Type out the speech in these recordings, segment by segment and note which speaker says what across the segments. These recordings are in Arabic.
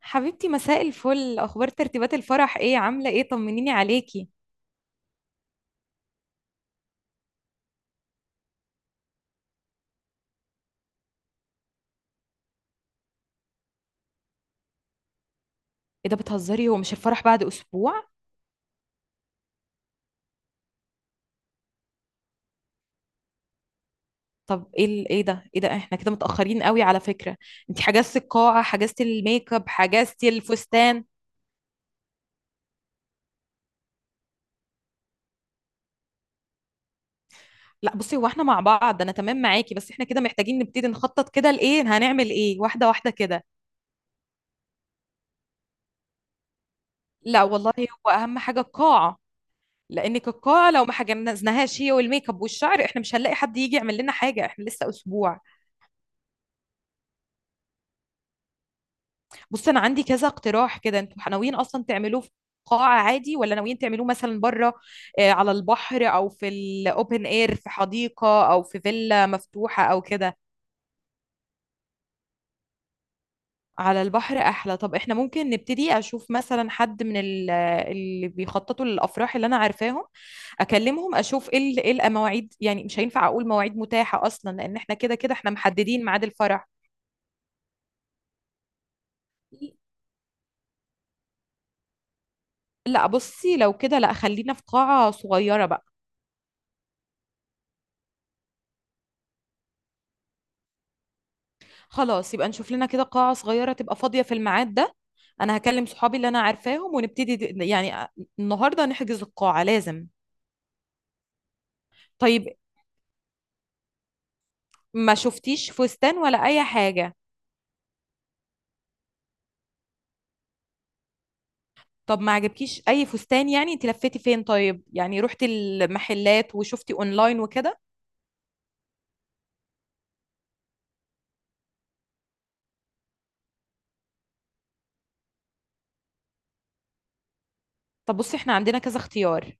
Speaker 1: حبيبتي، مساء الفل. اخبار ترتيبات الفرح ايه؟ عامله ايه؟ طمنيني عليكي. ايه ده بتهزري؟ هو مش الفرح بعد اسبوع؟ طب ايه ال- ايه ده ايه ده احنا كده متاخرين قوي على فكره. انت حجزتي القاعه؟ حجزتي الميك اب؟ حجزتي الفستان؟ لا بصي، هو احنا مع بعض، انا تمام معاكي، بس احنا كده محتاجين نبتدي نخطط كده لايه هنعمل ايه واحده واحده كده. لا والله. هو اهم حاجه القاعه، لانك القاعه لو ما حجزناهاش هي والميك اب والشعر احنا مش هنلاقي حد يجي يعمل لنا حاجه، احنا لسه اسبوع. بص، انا عندي كذا اقتراح كده. انتوا ناويين اصلا تعملوه في قاعة عادي ولا ناويين تعملوه مثلا بره، على البحر او في الاوبن اير، في حديقة او في فيلا مفتوحة او كده؟ على البحر احلى. طب احنا ممكن نبتدي اشوف مثلا حد من اللي بيخططوا للافراح اللي انا عارفاهم، اكلمهم اشوف ايه ايه المواعيد. يعني مش هينفع اقول مواعيد متاحة اصلا لان احنا كده كده احنا محددين ميعاد الفرح. لا بصي، لو كده لا، خلينا في قاعة صغيرة بقى. خلاص، يبقى نشوف لنا كده قاعة صغيرة تبقى فاضية في الميعاد ده. انا هكلم صحابي اللي انا عارفاهم ونبتدي يعني النهاردة نحجز القاعة، لازم. طيب، ما شفتيش فستان ولا اي حاجة؟ طب ما عجبكيش اي فستان يعني؟ انت لفيتي فين طيب؟ يعني رحتي المحلات وشفتي اونلاين وكده؟ طب بصي، احنا عندنا كذا اختيار.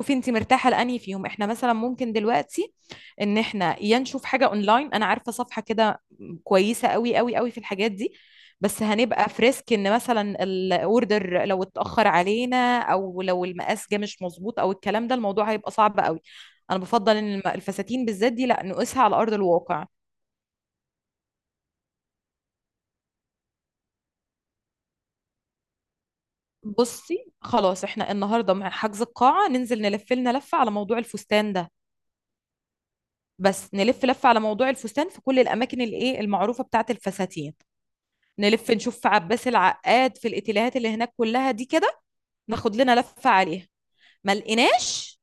Speaker 1: شوفي انت مرتاحه لانهي فيهم. احنا مثلا ممكن دلوقتي ان احنا يا نشوف حاجه اونلاين، انا عارفه صفحه كده كويسه قوي قوي قوي في الحاجات دي، بس هنبقى في ريسك ان مثلا الاوردر لو اتاخر علينا او لو المقاس جه مش مظبوط او الكلام ده، الموضوع هيبقى صعب قوي. انا بفضل ان الفساتين بالذات دي لا نقيسها على ارض الواقع. بصي، خلاص احنا النهارده مع حجز القاعه ننزل نلف لنا لفه على موضوع الفستان ده. بس نلف لفه على موضوع الفستان في كل الاماكن الايه المعروفه بتاعه الفساتين. نلف نشوف في عباس العقاد، في الاتيليهات اللي هناك كلها دي كده، ناخد لنا لفة عليها. ما لقيناش،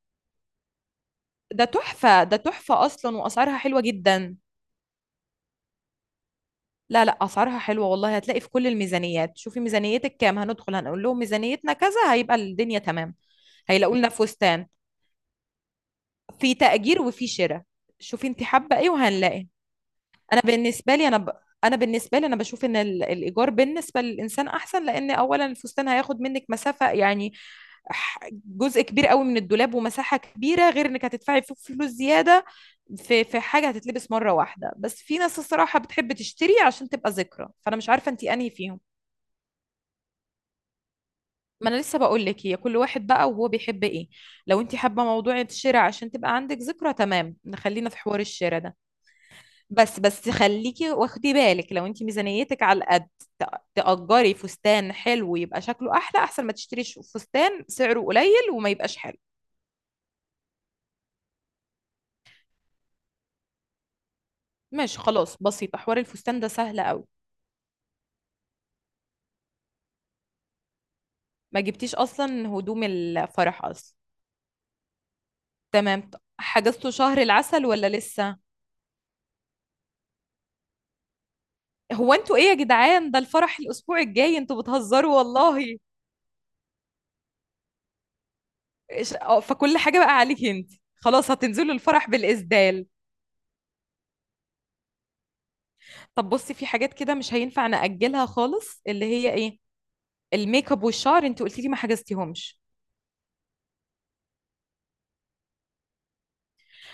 Speaker 1: ده تحفة ده، تحفة أصلا، وأسعارها حلوة جدا. لا لا، أسعارها حلوة والله، هتلاقي في كل الميزانيات. شوفي ميزانيتك كام، هندخل هنقول لهم ميزانيتنا كذا، هيبقى الدنيا تمام. هيلاقوا لنا فستان، في تأجير وفي شراء. شوفي انت حابة ايه وهنلاقي. انا بالنسبه لي انا انا بالنسبه لي انا بشوف ان الايجار بالنسبه للانسان احسن، لان اولا الفستان هياخد منك مسافه يعني، جزء كبير قوي من الدولاب ومساحه كبيره، غير انك هتدفعي فيه فلوس زياده في حاجه هتتلبس مره واحده. بس في ناس الصراحه بتحب تشتري عشان تبقى ذكرى، فانا مش عارفه انت انهي فيهم. ما انا لسه بقول لك، هي كل واحد بقى وهو بيحب ايه. لو انت حابه موضوع الشراء عشان تبقى عندك ذكرى، تمام، نخلينا في حوار الشراء ده. بس بس خليكي واخدي بالك، لو انت ميزانيتك على القد تأجري فستان حلو يبقى شكله احلى، احسن ما تشتريش فستان سعره قليل وما يبقاش حلو. ماشي خلاص، بسيطة، حوار الفستان ده سهل قوي. ما جبتيش اصلا هدوم الفرح اصلا؟ تمام. حجزتوا شهر العسل ولا لسه؟ هو انتوا ايه يا جدعان؟ ده الفرح الاسبوع الجاي، انتوا بتهزروا والله. فكل حاجة بقى عليكي انت، خلاص هتنزلوا الفرح بالإسدال. طب بصي، في حاجات كده مش هينفع نأجلها خالص، اللي هي ايه، الميك اب والشعر. انت قلتي لي ما حجزتيهمش.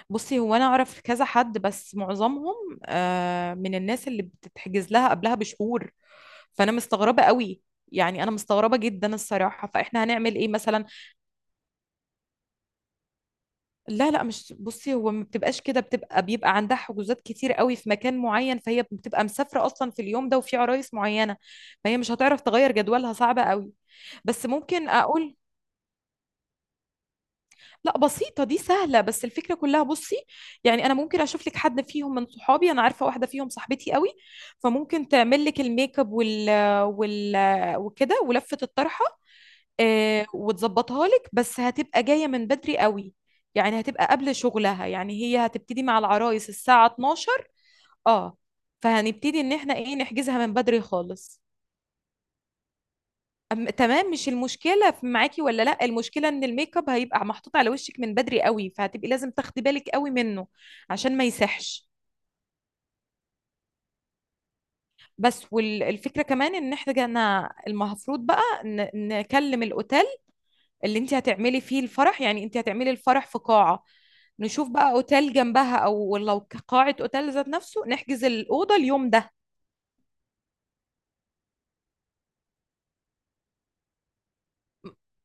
Speaker 1: بصي، هو انا اعرف كذا حد، بس معظمهم من الناس اللي بتتحجز لها قبلها بشهور، فانا مستغربه قوي. يعني انا مستغربه جدا الصراحه، فاحنا هنعمل ايه مثلا؟ لا لا، مش بصي، هو ما بتبقاش كده، بتبقى بيبقى عندها حجوزات كتير قوي في مكان معين، فهي بتبقى مسافره اصلا في اليوم ده وفي عرايس معينه، فهي مش هتعرف تغير جدولها، صعبه قوي. بس ممكن اقول، لا بسيطة دي سهلة، بس الفكرة كلها بصي، يعني أنا ممكن أشوف لك حد فيهم من صحابي. أنا عارفة واحدة فيهم صاحبتي قوي، فممكن تعمل لك الميك اب وال وكده ولفة الطرحة وتظبطها لك، بس هتبقى جاية من بدري قوي. يعني هتبقى قبل شغلها، يعني هي هتبتدي مع العرايس الساعة 12، اه، فهنبتدي إن احنا إيه نحجزها من بدري خالص. تمام، مش المشكلة في معاكي ولا لا، المشكلة ان الميك اب هيبقى محطوط على وشك من بدري قوي، فهتبقي لازم تاخدي بالك قوي منه عشان ما يسحش. بس والفكرة كمان ان احنا جانا المفروض بقى نكلم الاوتيل اللي انت هتعملي فيه الفرح. يعني انت هتعملي الفرح في قاعة، نشوف بقى اوتيل جنبها، او لو قاعة اوتيل ذات نفسه نحجز الأوضة اليوم ده.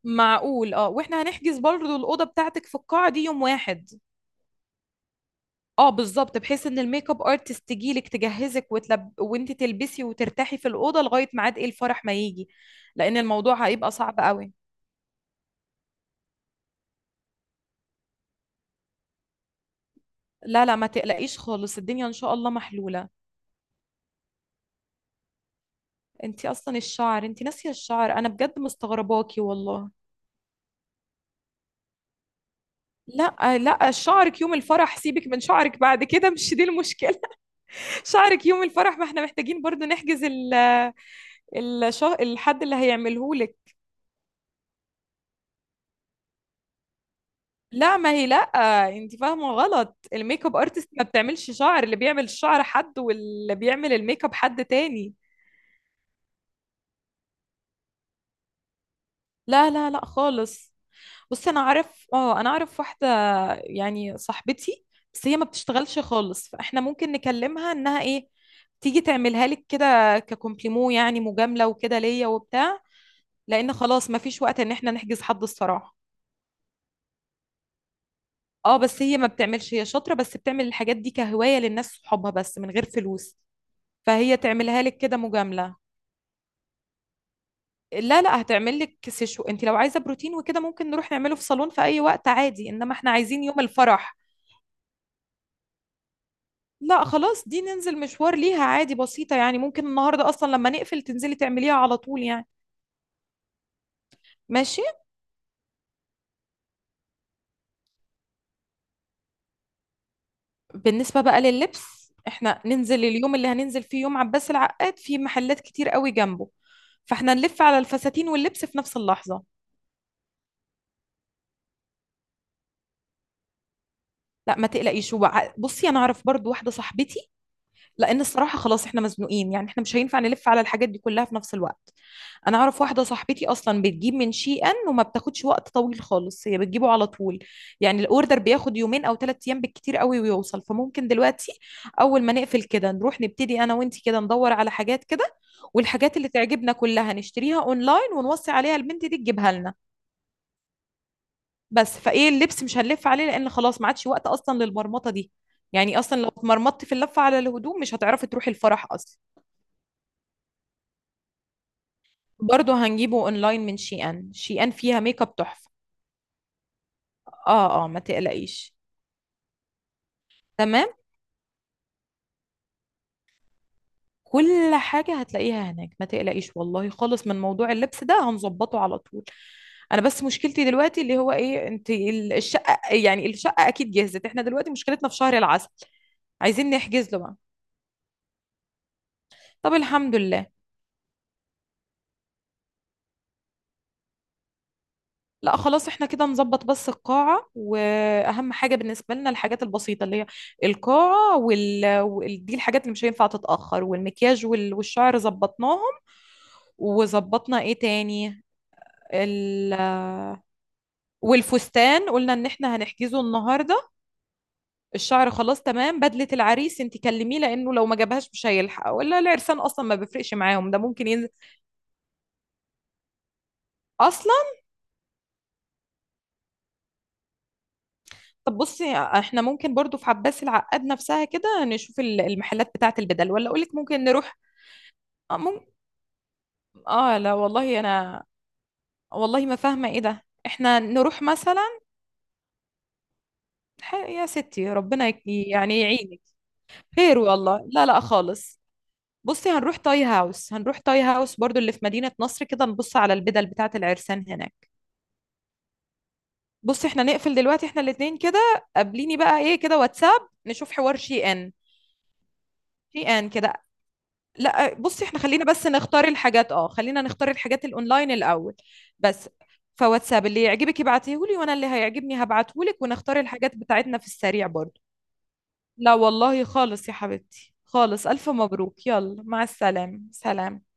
Speaker 1: معقول، اه. واحنا هنحجز برضه الأوضة بتاعتك في القاعة دي يوم واحد، اه بالظبط، بحيث ان الميك اب ارتست تجيلك تجهزك وانت تلبسي وترتاحي في الاوضه لغايه ميعاد ايه الفرح ما يجي. لان الموضوع هيبقى صعب قوي. لا لا، ما تقلقيش خالص، الدنيا ان شاء الله محلوله. انت اصلا الشعر، انت ناسيه الشعر، انا بجد مستغرباكي والله. لا لا، شعرك يوم الفرح، سيبك من شعرك بعد كده مش دي المشكله. شعرك يوم الفرح، ما احنا محتاجين برضو نحجز ال الحد اللي هيعمله لك. لا، ما هي لا، انت فاهمه غلط، الميك اب ارتست ما بتعملش شعر، اللي بيعمل الشعر حد واللي بيعمل الميك اب حد تاني. لا لا لا خالص. بصي، انا عارف اه، انا اعرف واحده يعني صاحبتي، بس هي ما بتشتغلش خالص، فاحنا ممكن نكلمها انها ايه تيجي تعملها لك كده ككومبليمو، يعني مجامله وكده ليا وبتاع، لان خلاص ما فيش وقت ان احنا نحجز حد الصراحه. اه بس هي ما بتعملش، هي شاطره بس بتعمل الحاجات دي كهوايه للناس صحابها بس من غير فلوس، فهي تعملها لك كده مجاملة. لا لا، هتعمل لك سيشو. انت لو عايزة بروتين وكده ممكن نروح نعمله في صالون في اي وقت عادي، انما احنا عايزين يوم الفرح. لا خلاص، دي ننزل مشوار ليها عادي، بسيطة، يعني ممكن النهاردة اصلا لما نقفل تنزلي تعمليها على طول يعني. ماشي. بالنسبة بقى لللبس، احنا ننزل اليوم اللي هننزل فيه يوم عباس العقاد، في محلات كتير قوي جنبه، فاحنا نلف على الفساتين واللبس في نفس اللحظة. لا ما تقلقيش. بصي، انا اعرف برضو واحدة صاحبتي، لان الصراحه خلاص احنا مزنوقين، يعني احنا مش هينفع نلف على الحاجات دي كلها في نفس الوقت. انا اعرف واحده صاحبتي اصلا بتجيب من شي ان وما بتاخدش وقت طويل خالص، هي بتجيبه على طول. يعني الاوردر بياخد يومين او ثلاث ايام بالكتير قوي ويوصل. فممكن دلوقتي اول ما نقفل كده نروح نبتدي انا وانتي كده ندور على حاجات كده، والحاجات اللي تعجبنا كلها نشتريها اونلاين ونوصي عليها البنت دي تجيبها لنا. بس فايه اللبس مش هنلف عليه، لان خلاص ما عادش وقت اصلا للمرمطه دي. يعني اصلا لو اتمرمطتي في اللفه على الهدوم مش هتعرفي تروحي الفرح اصلا. برضه هنجيبه اونلاين من شي ان، شي ان فيها ميك اب تحفة. اه اه ما تقلقيش. تمام، كل حاجة هتلاقيها هناك ما تقلقيش والله خالص، من موضوع اللبس ده هنظبطه على طول. انا بس مشكلتي دلوقتي اللي هو ايه، انت الشقة، يعني الشقة اكيد جهزت. احنا دلوقتي مشكلتنا في شهر العسل، عايزين نحجز له بقى. طب الحمد لله. لا خلاص، احنا كده نظبط بس القاعة، واهم حاجة بالنسبة لنا الحاجات البسيطة اللي هي القاعة دي الحاجات اللي مش هينفع تتأخر، والمكياج والشعر ظبطناهم. وظبطنا ايه تاني؟ ال... والفستان قلنا ان احنا هنحجزه النهاردة. الشعر خلاص تمام. بدلة العريس انت كلميه، لانه لو ما جابهاش مش هيلحق. ولا العرسان اصلا ما بيفرقش معاهم ده، ممكن ينزل اصلا. طب بصي، احنا ممكن برضو في عباس العقاد نفسها كده نشوف المحلات بتاعة البدل، ولا اقولك ممكن نروح؟ اه ممكن، اه لا والله انا والله ما فاهمه ايه ده. احنا نروح مثلا، يا ستي ربنا يعني يعينك. خير والله، لا لا خالص. بصي هنروح تاي هاوس، هنروح تاي هاوس برضو اللي في مدينه نصر كده، نبص على البدل بتاعه العرسان هناك. بصي احنا نقفل دلوقتي، احنا الاتنين كده قابليني بقى ايه كده، واتساب نشوف حوار شي ان، شي ان كده. لا بصي، احنا خلينا بس نختار الحاجات، اه خلينا نختار الحاجات الاونلاين الاول بس. فواتساب اللي يعجبك ابعتيه لي، وانا اللي هيعجبني هبعته لك، ونختار الحاجات بتاعتنا في السريع برضه. لا والله خالص يا حبيبتي، خالص. الف مبروك. يلا، مع السلامة، سلام.